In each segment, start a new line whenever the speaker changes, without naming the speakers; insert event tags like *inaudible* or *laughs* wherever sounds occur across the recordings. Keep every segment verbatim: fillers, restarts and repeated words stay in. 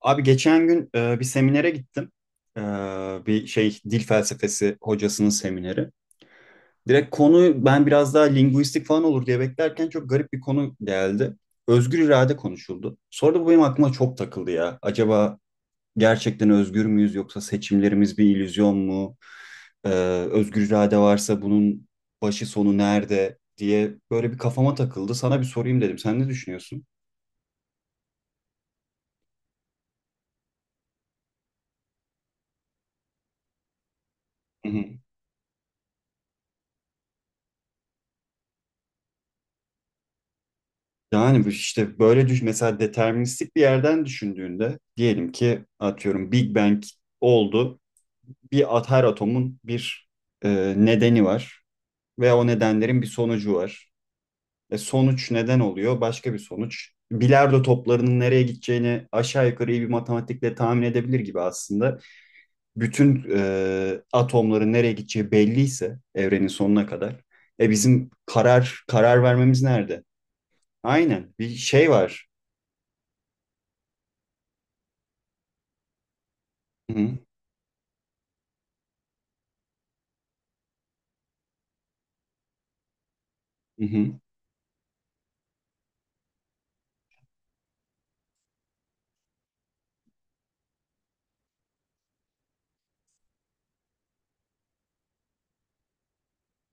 Abi geçen gün e, bir seminere gittim. E, bir şey dil felsefesi hocasının semineri. Direkt konu ben biraz daha linguistik falan olur diye beklerken çok garip bir konu geldi. Özgür irade konuşuldu. Sonra da bu benim aklıma çok takıldı ya. Acaba gerçekten özgür müyüz yoksa seçimlerimiz bir illüzyon mu? E, özgür irade varsa bunun başı sonu nerede diye böyle bir kafama takıldı. Sana bir sorayım dedim. Sen ne düşünüyorsun? *laughs* Yani bu işte böyle düş mesela deterministik bir yerden düşündüğünde diyelim ki atıyorum Big Bang oldu. Bir at her atomun bir e, nedeni var ve o nedenlerin bir sonucu var. E, sonuç neden oluyor? Başka bir sonuç. Bilardo toplarının nereye gideceğini aşağı yukarı iyi bir matematikle tahmin edebilir gibi aslında. Bütün e, atomların nereye gideceği belliyse evrenin sonuna kadar. E bizim karar karar vermemiz nerede? Aynen bir şey var. Hı. Hı hı.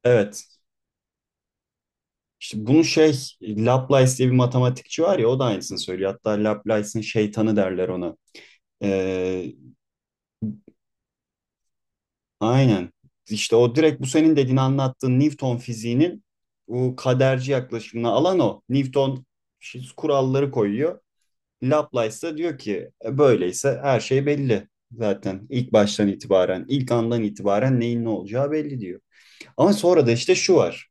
Evet. İşte bunu şey Laplace diye bir matematikçi var ya o da aynısını söylüyor. Hatta Laplace'ın şeytanı derler ona. Ee, aynen. İşte o direkt bu senin dediğin anlattığın Newton fiziğinin bu kaderci yaklaşımına alan o. Newton şi- kuralları koyuyor. Laplace da diyor ki "E, böyleyse her şey belli. Zaten ilk baştan itibaren, ilk andan itibaren neyin ne olacağı belli diyor. Ama sonra da işte şu var.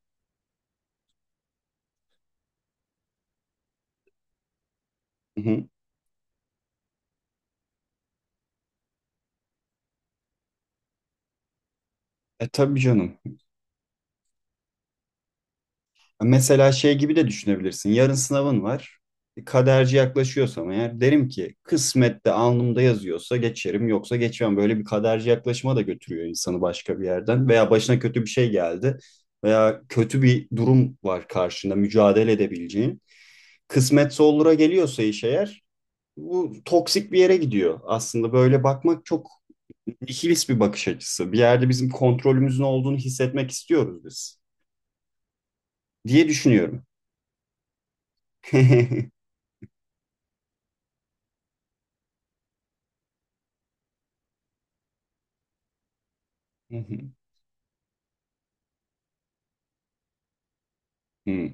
Hı hı. E tabii canım. Mesela şey gibi de düşünebilirsin. Yarın sınavın var. E, kaderci yaklaşıyorsam eğer derim ki kısmette alnımda yazıyorsa geçerim yoksa geçmem. Böyle bir kaderci yaklaşıma da götürüyor insanı başka bir yerden. Veya başına kötü bir şey geldi veya kötü bir durum var karşında mücadele edebileceğin. Kısmetse olura geliyorsa iş eğer bu toksik bir yere gidiyor. Aslında böyle bakmak çok nihilist bir bakış açısı. Bir yerde bizim kontrolümüzün olduğunu hissetmek istiyoruz biz diye düşünüyorum. *laughs* Hı.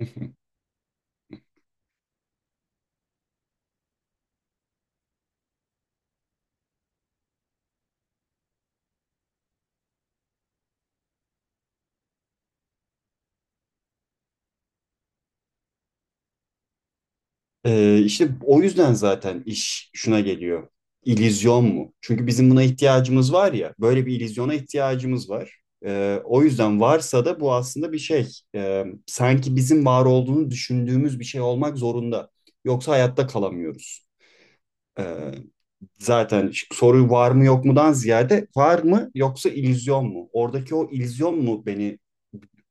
*laughs* Ee, işte o yüzden zaten iş şuna geliyor. İllüzyon mu? Çünkü bizim buna ihtiyacımız var ya, böyle bir illüzyona ihtiyacımız var. Ee, o yüzden varsa da bu aslında bir şey. Ee, sanki bizim var olduğunu düşündüğümüz bir şey olmak zorunda. Yoksa hayatta kalamıyoruz. Ee, zaten soru var mı yok mudan ziyade var mı yoksa illüzyon mu? Oradaki o illüzyon mu beni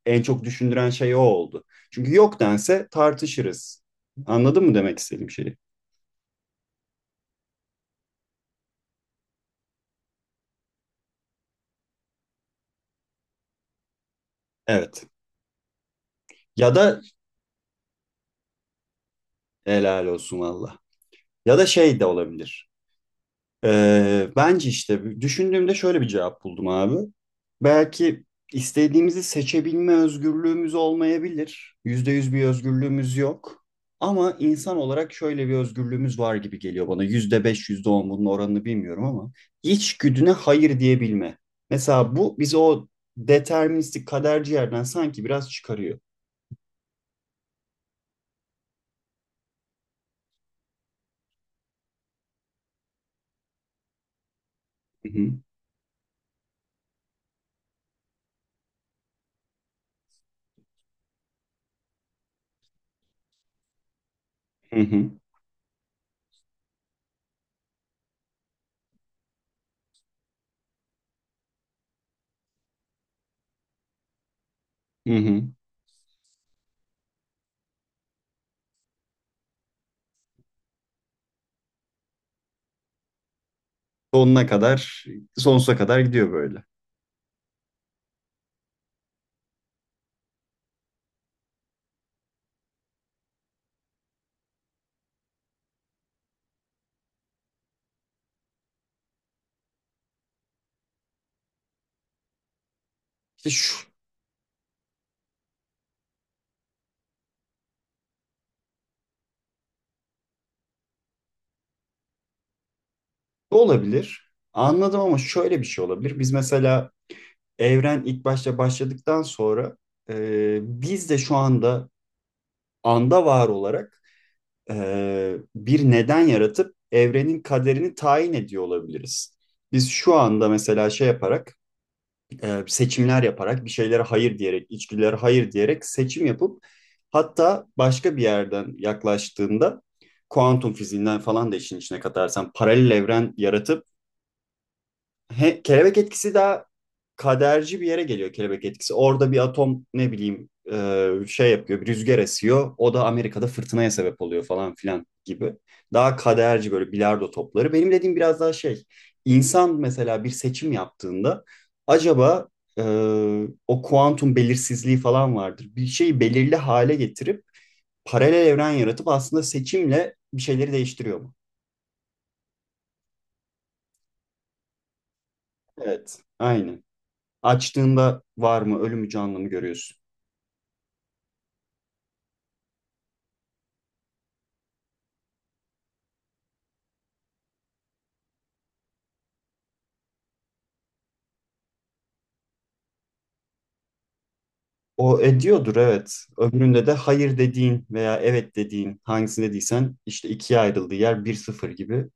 en çok düşündüren şey o oldu. Çünkü yok dense tartışırız. Anladın mı demek istediğim şeyi? Evet. Ya da helal olsun valla. Ya da şey de olabilir. Ee, bence işte düşündüğümde şöyle bir cevap buldum abi. Belki istediğimizi seçebilme özgürlüğümüz olmayabilir. Yüzde yüz bir özgürlüğümüz yok. Ama insan olarak şöyle bir özgürlüğümüz var gibi geliyor bana. Yüzde beş, yüzde on bunun oranını bilmiyorum ama içgüdüne hayır diyebilme. Mesela bu bizi o deterministik kaderci yerden sanki biraz çıkarıyor. Hı hı, hı hı, hı hı. Sonuna kadar, sonsuza kadar gidiyor böyle. İşte şu, olabilir. Anladım ama şöyle bir şey olabilir. Biz mesela evren ilk başta başladıktan sonra e, biz de şu anda anda var olarak e, bir neden yaratıp evrenin kaderini tayin ediyor olabiliriz. Biz şu anda mesela şey yaparak e, seçimler yaparak bir şeylere hayır diyerek içgüdülere hayır diyerek seçim yapıp hatta başka bir yerden yaklaştığında kuantum fiziğinden falan da işin içine katarsan paralel evren yaratıp he- kelebek etkisi daha kaderci bir yere geliyor kelebek etkisi. Orada bir atom ne bileyim e, şey yapıyor, bir rüzgar esiyor. O da Amerika'da fırtınaya sebep oluyor falan filan gibi. Daha kaderci böyle bilardo topları. Benim dediğim biraz daha şey. İnsan mesela bir seçim yaptığında acaba e, o kuantum belirsizliği falan vardır. Bir şeyi belirli hale getirip paralel evren yaratıp aslında seçimle bir şeyleri değiştiriyor mu? Evet, aynen. Açtığında var mı, ölümü canlı mı görüyorsun? O ediyordur evet. Öbüründe de hayır dediğin veya evet dediğin hangisini dediysen işte ikiye ayrıldığı yer bir sıfır gibi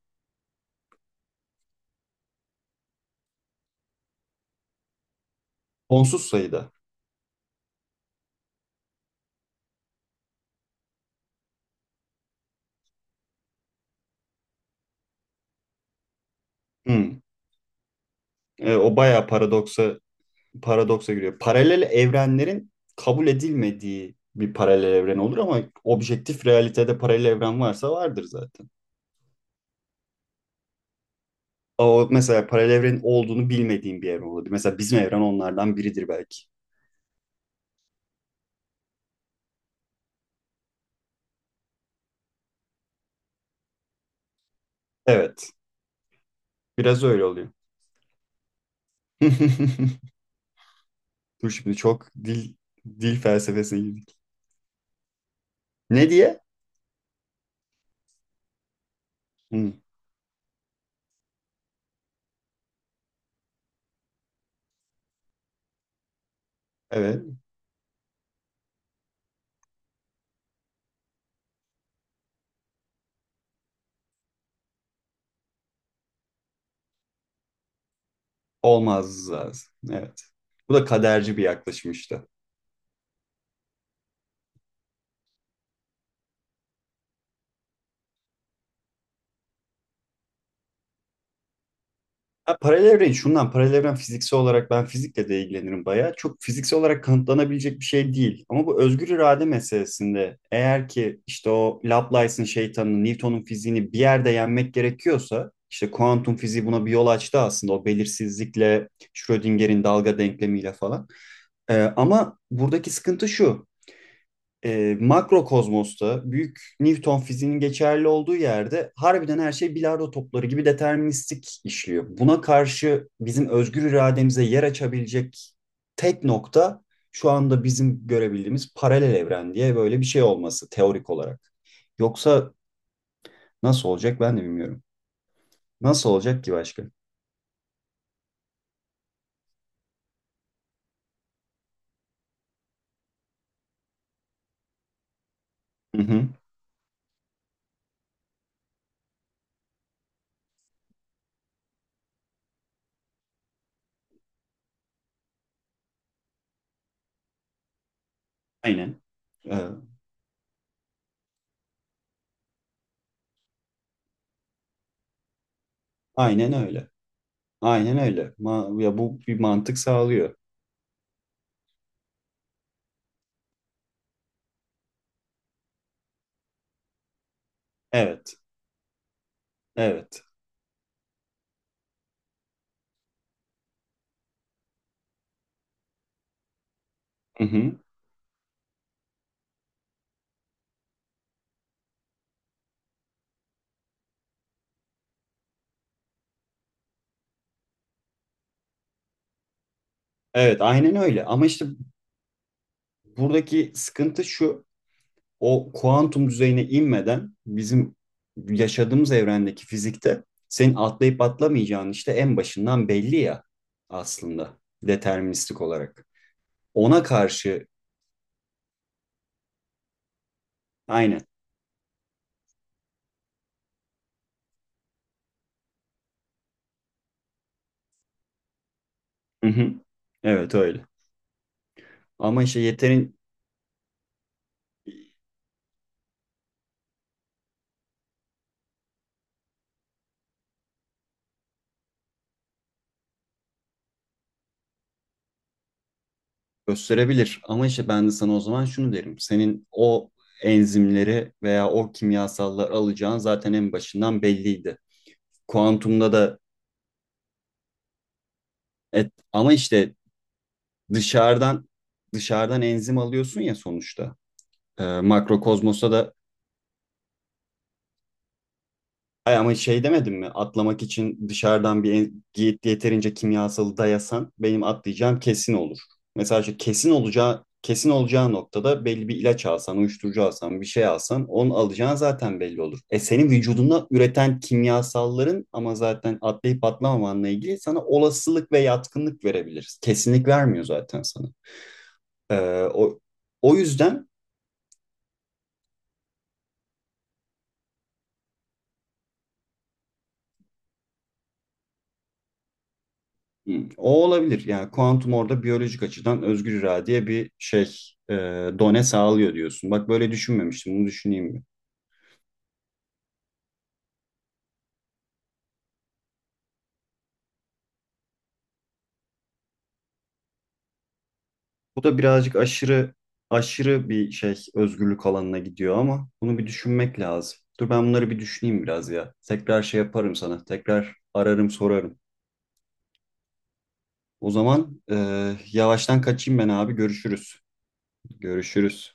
sonsuz sayıda. Hmm. E, o bayağı paradoksa paradoksa giriyor. Paralel evrenlerin kabul edilmediği bir paralel evren olur ama objektif realitede paralel evren varsa vardır zaten. Ama o mesela paralel evrenin olduğunu bilmediğim bir evren olabilir. Mesela bizim evren onlardan biridir belki. Evet. Biraz öyle oluyor. *laughs* Dur şimdi çok dil dil felsefesine girdik. Ne diye? Hı, evet. Olmaz lazım. Evet. Bu da kaderci bir yaklaşım işte. Ha, paralel evren şundan paralel evren fiziksel olarak ben fizikle de ilgilenirim bayağı. Çok fiziksel olarak kanıtlanabilecek bir şey değil. Ama bu özgür irade meselesinde eğer ki işte o Laplace'ın şeytanını, Newton'un fiziğini bir yerde yenmek gerekiyorsa işte kuantum fiziği buna bir yol açtı aslında o belirsizlikle, Schrödinger'in dalga denklemiyle falan. Ee, ama buradaki sıkıntı şu. Ee, makro kozmosta büyük Newton fiziğinin geçerli olduğu yerde harbiden her şey bilardo topları gibi deterministik işliyor. Buna karşı bizim özgür irademize yer açabilecek tek nokta şu anda bizim görebildiğimiz paralel evren diye böyle bir şey olması teorik olarak. Yoksa nasıl olacak ben de bilmiyorum. Nasıl olacak ki başka? Hı hı. Aynen. Ee, aynen öyle. Aynen öyle. Ma- ya bu bir mantık sağlıyor. Evet. Evet. Hı hı. Evet, aynen öyle. Ama işte buradaki sıkıntı şu. O kuantum düzeyine inmeden bizim yaşadığımız evrendeki fizikte senin atlayıp atlamayacağın işte en başından belli ya aslında deterministik olarak. Ona karşı aynen. Hı hı. Evet öyle. Ama işte yeterin gösterebilir. Ama işte ben de sana o zaman şunu derim. Senin o enzimleri veya o kimyasalları alacağın zaten en başından belliydi. Kuantumda da et, ama işte dışarıdan dışarıdan enzim alıyorsun ya sonuçta. Ee, makrokozmosta da Ay ama şey demedim mi? Atlamak için dışarıdan bir en- yet- yeterince kimyasalı dayasan benim atlayacağım kesin olur. Mesela işte kesin olacağı kesin olacağı noktada belli bir ilaç alsan, uyuşturucu alsan, bir şey alsan onu alacağın zaten belli olur. E senin vücudunda üreten kimyasalların ama zaten atlayıp atlamamanla ilgili sana olasılık ve yatkınlık verebiliriz. Kesinlik vermiyor zaten sana. Ee, o, o yüzden o olabilir. Yani kuantum orada biyolojik açıdan özgür iradeye bir şey e, done sağlıyor diyorsun. Bak böyle düşünmemiştim. Bunu düşüneyim mi? Bu da birazcık aşırı aşırı bir şey özgürlük alanına gidiyor ama bunu bir düşünmek lazım. Dur ben bunları bir düşüneyim biraz ya. Tekrar şey yaparım sana. Tekrar ararım sorarım. O zaman e, yavaştan kaçayım ben abi. Görüşürüz. Görüşürüz.